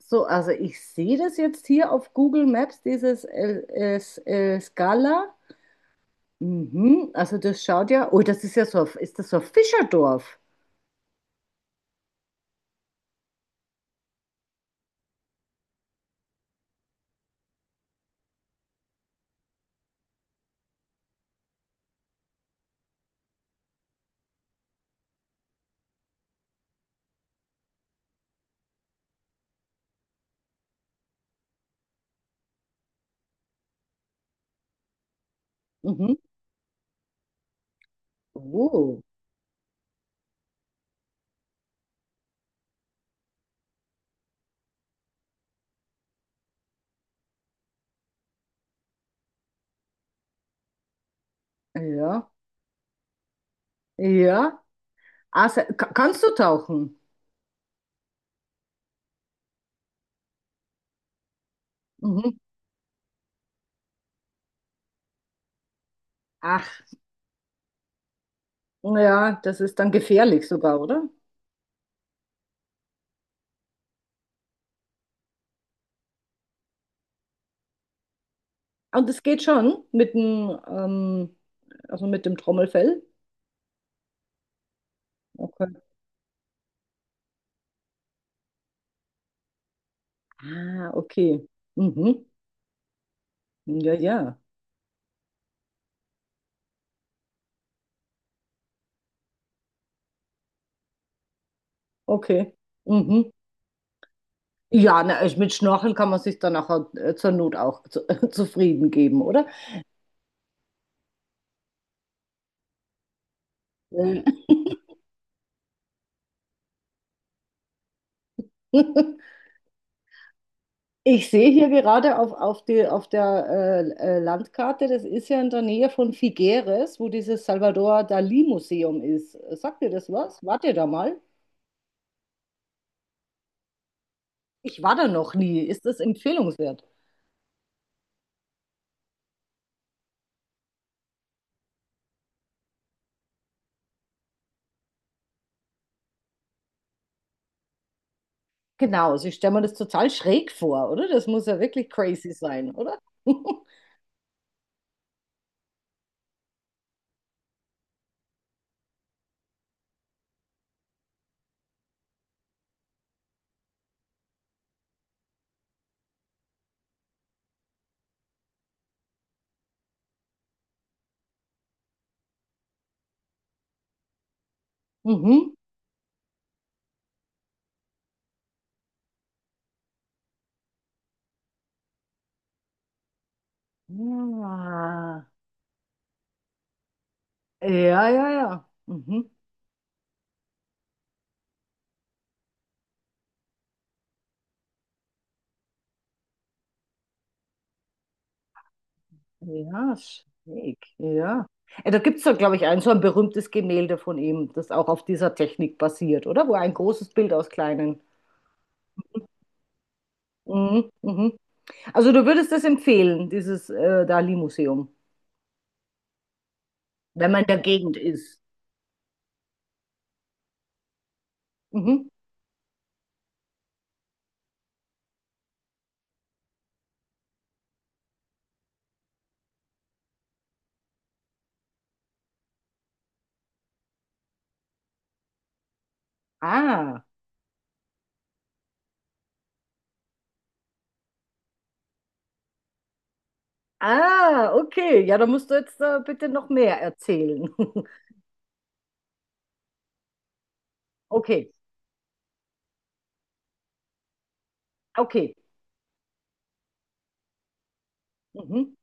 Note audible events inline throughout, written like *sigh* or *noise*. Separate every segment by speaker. Speaker 1: So, also ich sehe das jetzt hier auf Google Maps, dieses El, El Scala. Mhm, also das schaut ja, oh, das ist ja so, ist das so ein Fischerdorf? Mhm. Oh, ja, ja. Also, kannst du tauchen? Mhm. Ach, ja, das ist dann gefährlich sogar, oder? Und es geht schon mit dem, also mit dem Trommelfell. Okay. Ah, okay. Mhm. Ja, ja. Okay. Mhm. Ja, na, mit Schnorcheln kann man sich dann nachher zur Not auch zu, *laughs* zufrieden geben, oder? Ja. *laughs* Ich sehe hier gerade auf der Landkarte, das ist ja in der Nähe von Figueres, wo dieses Salvador Dalí Museum ist. Sagt ihr das was? Wart ihr da mal? Ich war da noch nie. Ist das empfehlenswert? Genau, also ich stelle mir das total schräg vor, oder? Das muss ja wirklich crazy sein, oder? *laughs* Mhm. Ja, ja, ja, ja. Mhm. Ja, schräg. Ja. Da gibt es doch, glaube ich, ein so ein berühmtes Gemälde von ihm, das auch auf dieser Technik basiert, oder? Wo ein großes Bild aus kleinen. Mhm, mhm. Also du würdest das empfehlen, dieses Dali-Museum, wenn man in der Gegend ist. Mhm. Ah, ah, okay. Ja, da musst du jetzt bitte noch mehr erzählen. *laughs* Okay, okay. Mhm.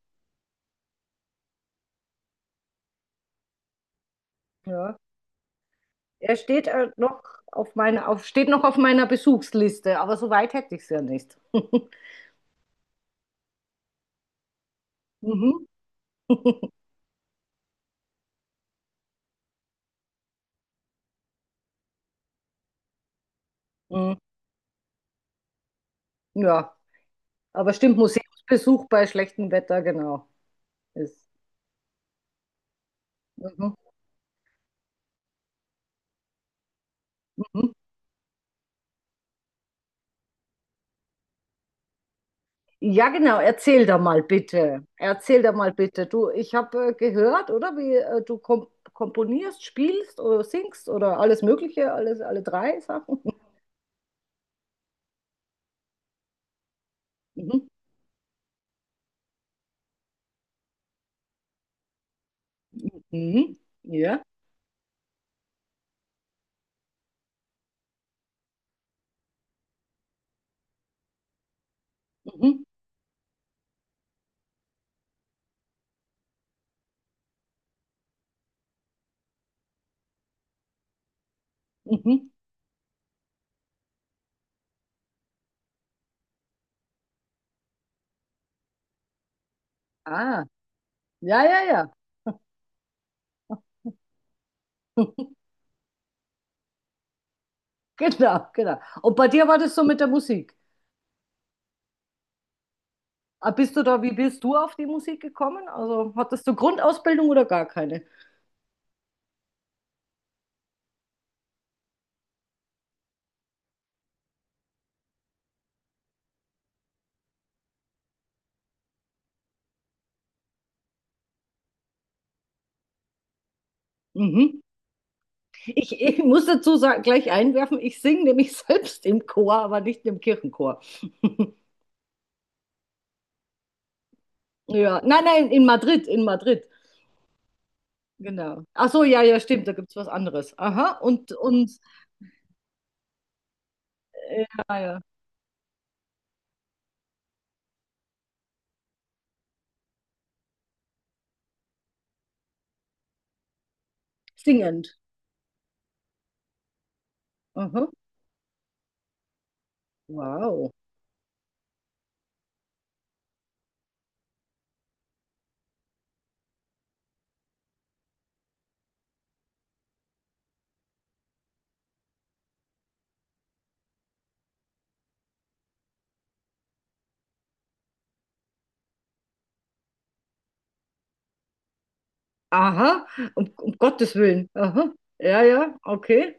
Speaker 1: Ja. Er steht noch auf meiner, steht noch auf meiner Besuchsliste, aber so weit hätte ich es ja nicht. *laughs* Mhm. Ja, aber stimmt, Museumsbesuch bei schlechtem Wetter, genau. Ist. Mhm, mhm. Ja, genau, erzähl da mal bitte. Erzähl da mal bitte. Du, ich habe gehört, oder wie du komponierst, spielst oder singst oder alles Mögliche, alles, alle drei Sachen. *laughs* Mhm. Mhm. Ja. Mhm. Mhm. Ah, ja, ja, ja. *laughs* Genau, genau. Und bei dir war das so mit der Musik. Ah, bist du da, wie bist du auf die Musik gekommen? Also hattest du Grundausbildung oder gar keine? Mhm. Ich muss dazu sagen, gleich einwerfen, ich singe nämlich *laughs* selbst im Chor, aber nicht im Kirchenchor. *laughs* Ja, nein, nein, in Madrid, in Madrid. Genau. Ach so, ja, ja, stimmt, da gibt es was anderes. Aha, äh, ja, ja. Singend. Aha, wow. Aha, um, um Gottes Willen. Aha, ja, ja, okay.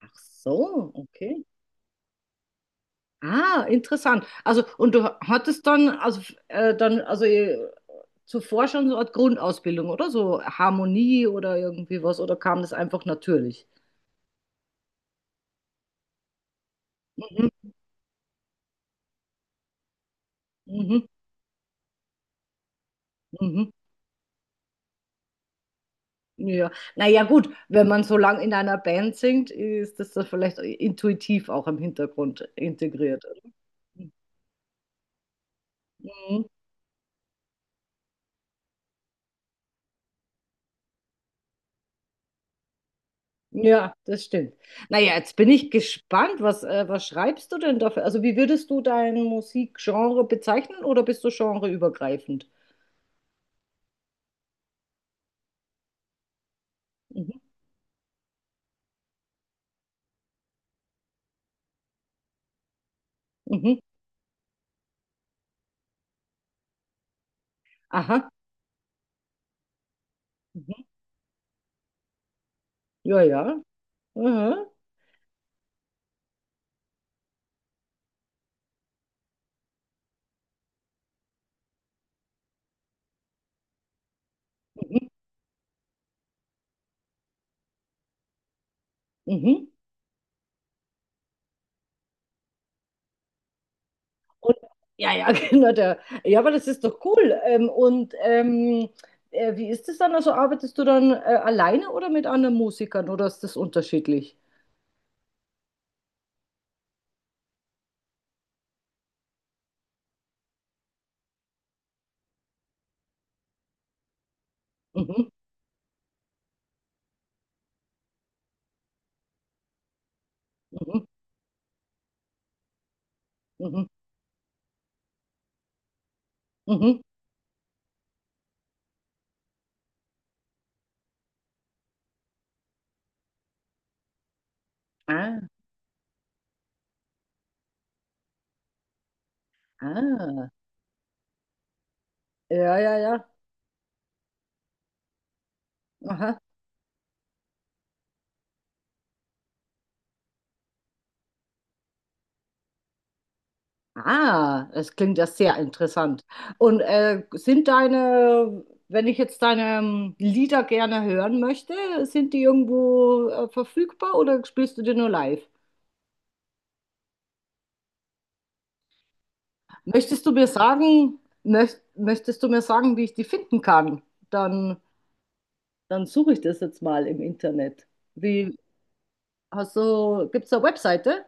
Speaker 1: Ach so, okay. Ah, interessant. Und du hattest dann, äh, dann, also, äh, zuvor schon so eine Art Grundausbildung, oder? So Harmonie oder irgendwie was, oder kam das einfach natürlich? Mhm, mhm, mhm. Ja, naja, gut, wenn man so lang in einer Band singt, ist das dann vielleicht intuitiv auch im Hintergrund integriert. Mhm. Ja, das stimmt. Naja, jetzt bin ich gespannt, was schreibst du denn dafür? Also, wie würdest du dein Musikgenre bezeichnen oder bist du genreübergreifend? Mhm. Mhm. Aha. Mhm. Ja, ja. Aha. Mhm. Mhm. Und, ja, ja, *laughs* genau. Der, ja, aber das ist doch cool. Wie ist es dann? Also arbeitest du dann alleine oder mit anderen Musikern oder ist das unterschiedlich? Mhm, mhm, mhm, mhm. Ah, ah. Ja, ja, ja. Aha. Ah, das klingt ja sehr interessant. Und sind deine, wenn ich jetzt deine Lieder gerne hören möchte, sind die irgendwo verfügbar oder spielst du die nur live? Möchtest du mir sagen, möchtest du mir sagen, wie ich die finden kann? Dann, dann suche ich das jetzt mal im Internet. Wie, hast du, gibt es eine Webseite?